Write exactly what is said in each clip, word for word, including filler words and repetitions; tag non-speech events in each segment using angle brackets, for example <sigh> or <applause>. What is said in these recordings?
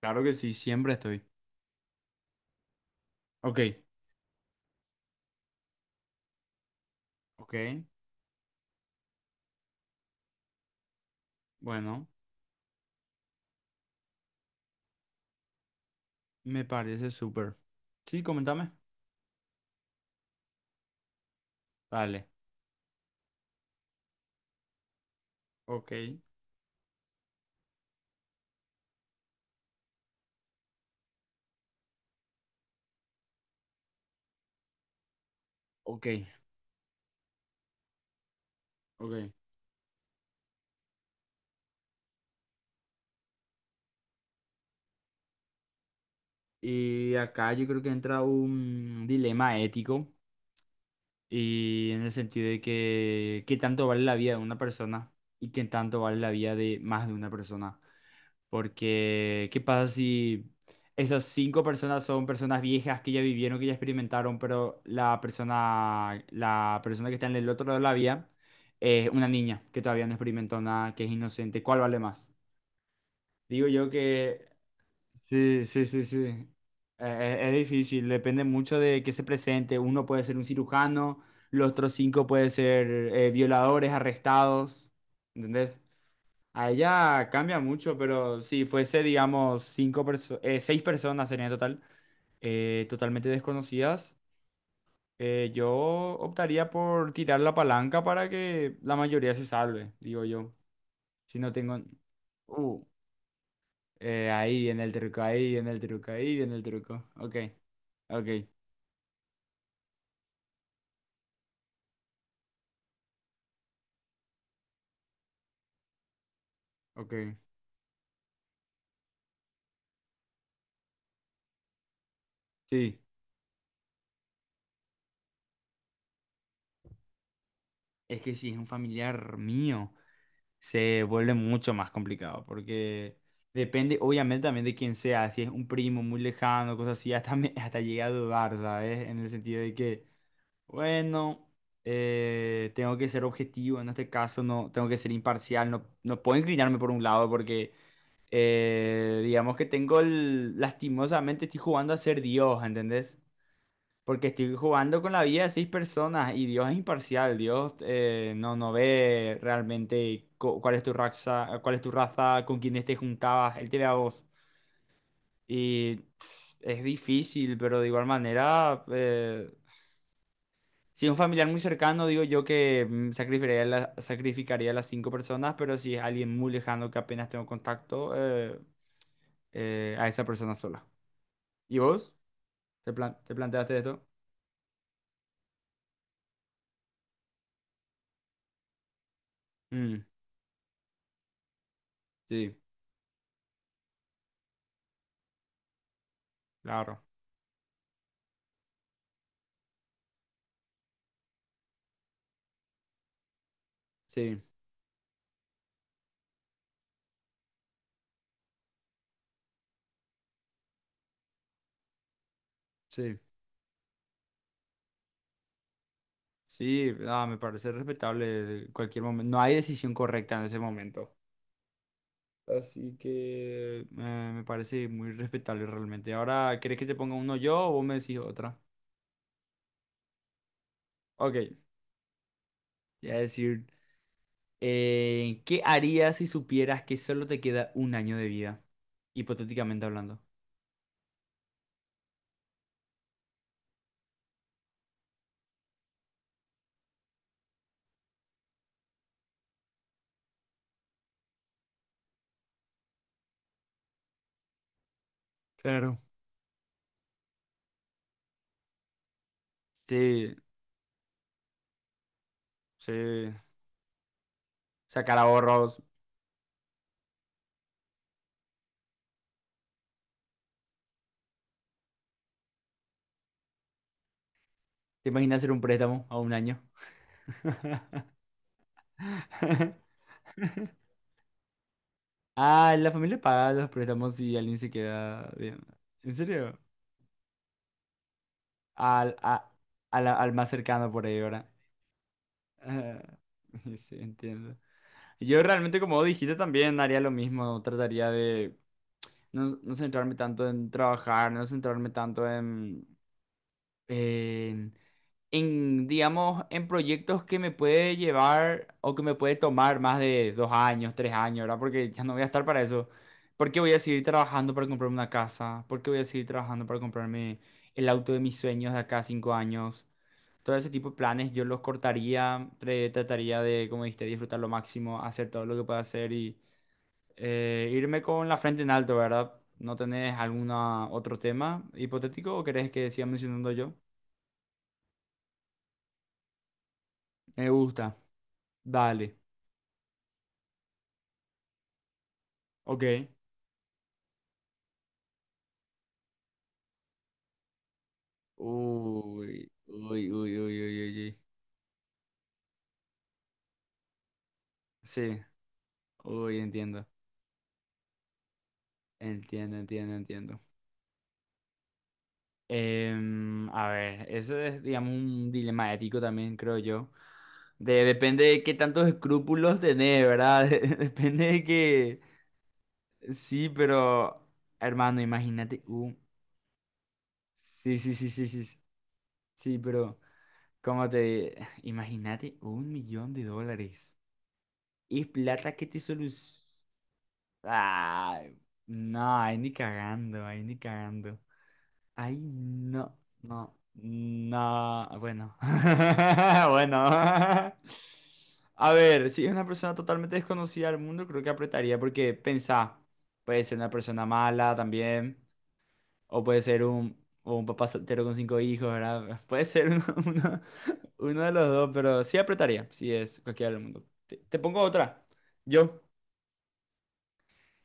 Claro que sí, siempre estoy. Ok, ok, bueno, me parece súper. Sí, coméntame. Dale, ok, ok, ok. Y acá yo creo que entra un dilema ético y en el sentido de que qué tanto vale la vida de una persona y qué tanto vale la vida de más de una persona. Porque, ¿qué pasa si esas cinco personas son personas viejas que ya vivieron, que ya experimentaron, pero la persona, la persona que está en el otro lado de la vía es una niña que todavía no experimentó nada, que es inocente? ¿Cuál vale más? Digo yo que sí, sí, sí, sí. Eh, eh, Es difícil, depende mucho de qué se presente. Uno puede ser un cirujano, los otros cinco pueden ser eh, violadores, arrestados, ¿entendés? A ella cambia mucho, pero si fuese, digamos, cinco perso- eh, seis personas serían en total, eh, totalmente desconocidas, eh, yo optaría por tirar la palanca para que la mayoría se salve, digo yo. Si no tengo. Uh, eh, Ahí viene el truco, ahí viene el truco, ahí viene el truco. Ok, ok, ok. Sí, es que si es un familiar mío, se vuelve mucho más complicado porque depende obviamente también de quién sea, si es un primo muy lejano, cosas así, hasta, me- <laughs> hasta llegué a dudar, ¿sabes? En el sentido de que, bueno, eh, tengo que ser objetivo en este caso, no, tengo que ser imparcial, no, no puedo inclinarme por un lado porque, eh, digamos que tengo el- lastimosamente estoy jugando a ser Dios, ¿entendés? Porque estoy jugando con la vida de seis personas y Dios es imparcial. Dios eh, no, no ve realmente cu- cuál es tu raza, cuál es tu raza, con quién te juntabas. Él te ve a vos. Y pff, es difícil, pero de igual manera, eh, si es un familiar muy cercano, digo yo que mm, sacrificaría, la- sacrificaría a las cinco personas, pero si es alguien muy lejano que apenas tengo contacto, eh, eh, a esa persona sola. ¿Y vos? ¿Te plan- te planteaste esto? Mm, sí, claro. Sí, sí. Sí, ah, me parece respetable cualquier momento. No hay decisión correcta en ese momento. Así que eh, me parece muy respetable realmente. Ahora, ¿querés que te ponga uno yo o vos me decís otra? Ok, te voy a decir, eh, ¿qué harías si supieras que solo te queda un año de vida? Hipotéticamente hablando. Claro. Sí, sí. Sacar ahorros. ¿Te imaginas hacer un préstamo a un año? <laughs> Ah, la familia paga los préstamos si alguien se queda bien. ¿En serio? al, a- al, al más cercano por ahí, ¿verdad? Ah, <laughs> sí, entiendo. Yo realmente, como vos dijiste, también haría lo mismo. Trataría de no, no centrarme tanto en trabajar, no centrarme tanto en, en, en, digamos, en proyectos que me puede llevar o que me puede tomar más de dos años, tres años, ¿verdad? Porque ya no voy a estar para eso. ¿Porque voy a seguir trabajando para comprarme una casa? ¿Porque voy a seguir trabajando para comprarme el auto de mis sueños de acá a cinco años? Todo ese tipo de planes yo los cortaría, tre- trataría de, como dijiste, disfrutar lo máximo, hacer todo lo que pueda hacer y eh, irme con la frente en alto, ¿verdad? ¿No tenés algún otro tema hipotético o querés que siga mencionando yo? Me gusta. Dale. Ok. Uy, uy, uy, uy, uy, uy, uy. Sí, uy, entiendo. Entiendo, entiendo, entiendo. Em, a ver, eso es, digamos, un dilema ético también, creo yo. De- depende de qué tantos escrúpulos tenés, ¿verdad? <laughs> De- Depende de que. Sí, pero. Hermano, imagínate un. Sí, sí, sí, sí, sí. Sí, sí, pero. Cómo te. Imagínate un millón de dólares. Es plata que te soluciona. Ay, no, ahí ni cagando, ahí ni cagando. Ay, no, no, no, bueno, <laughs> bueno. A ver, si es una persona totalmente desconocida al mundo, creo que apretaría porque pensá, puede ser una persona mala también, o puede ser un, o un papá soltero con cinco hijos, ¿verdad? <laughs> Puede ser uno, <laughs> uno- uno de los dos, pero sí apretaría, si es cualquiera del mundo. Te, te pongo otra, yo,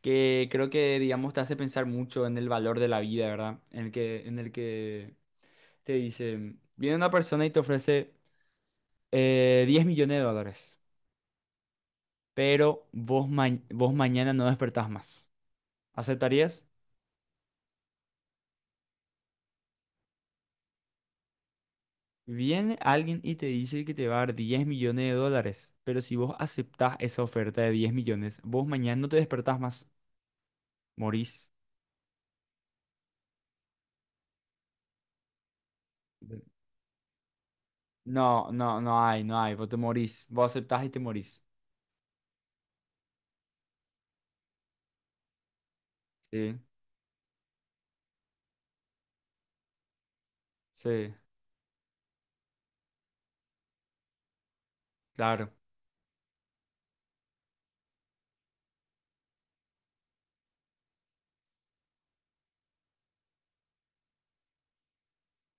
que creo que, digamos, te hace pensar mucho en el valor de la vida, ¿verdad? En el que, en el que te dice, viene una persona y te ofrece eh, diez millones de dólares, pero vos, ma- vos mañana no despertás más. ¿Aceptarías? Viene alguien y te dice que te va a dar diez millones de dólares, pero si vos aceptás esa oferta de diez millones, vos mañana no te despertás más. Morís. De- No, no, no hay, no hay. Vos te morís. Vos aceptás y te morís. Sí, sí, claro.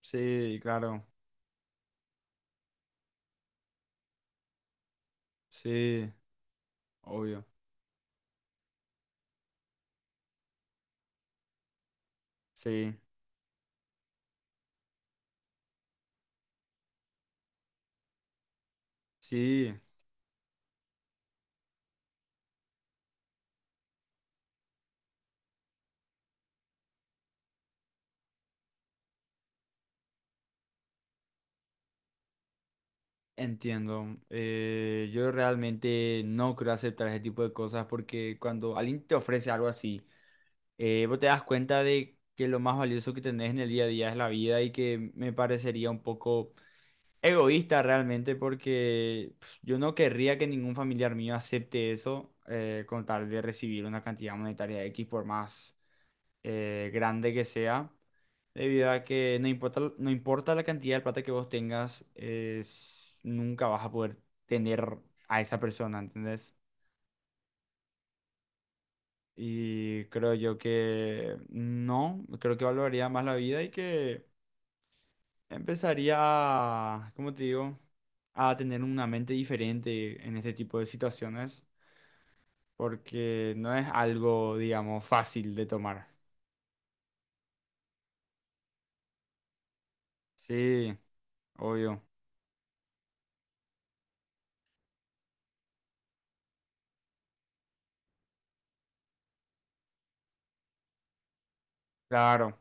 Sí, claro. Sí, obvio. Sí, sí. Entiendo. Eh, yo realmente no creo aceptar ese tipo de cosas porque cuando alguien te ofrece algo así, eh, vos te das cuenta de que lo más valioso que tenés en el día a día es la vida y que me parecería un poco egoísta realmente porque pf, yo no querría que ningún familiar mío acepte eso eh, con tal de recibir una cantidad monetaria X por más eh, grande que sea, debido a que no importa, no importa la cantidad de plata que vos tengas, es- nunca vas a poder tener a esa persona, ¿entendés? Y creo yo que no, creo que valoraría más la vida y que empezaría a, ¿cómo te digo? A tener una mente diferente en este tipo de situaciones, porque no es algo, digamos, fácil de tomar. Sí, obvio, claro.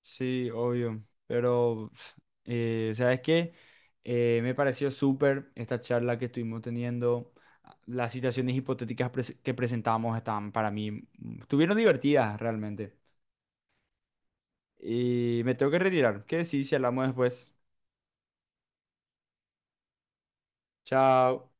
Sí, obvio. Pero, pf, eh, ¿sabes qué? Eh, me pareció súper esta charla que estuvimos teniendo. Ah, las situaciones hipotéticas pres- que presentamos estaban para mí, mm, estuvieron divertidas realmente. Y me tengo que retirar. ¿Qué decís si hablamos después? Chao.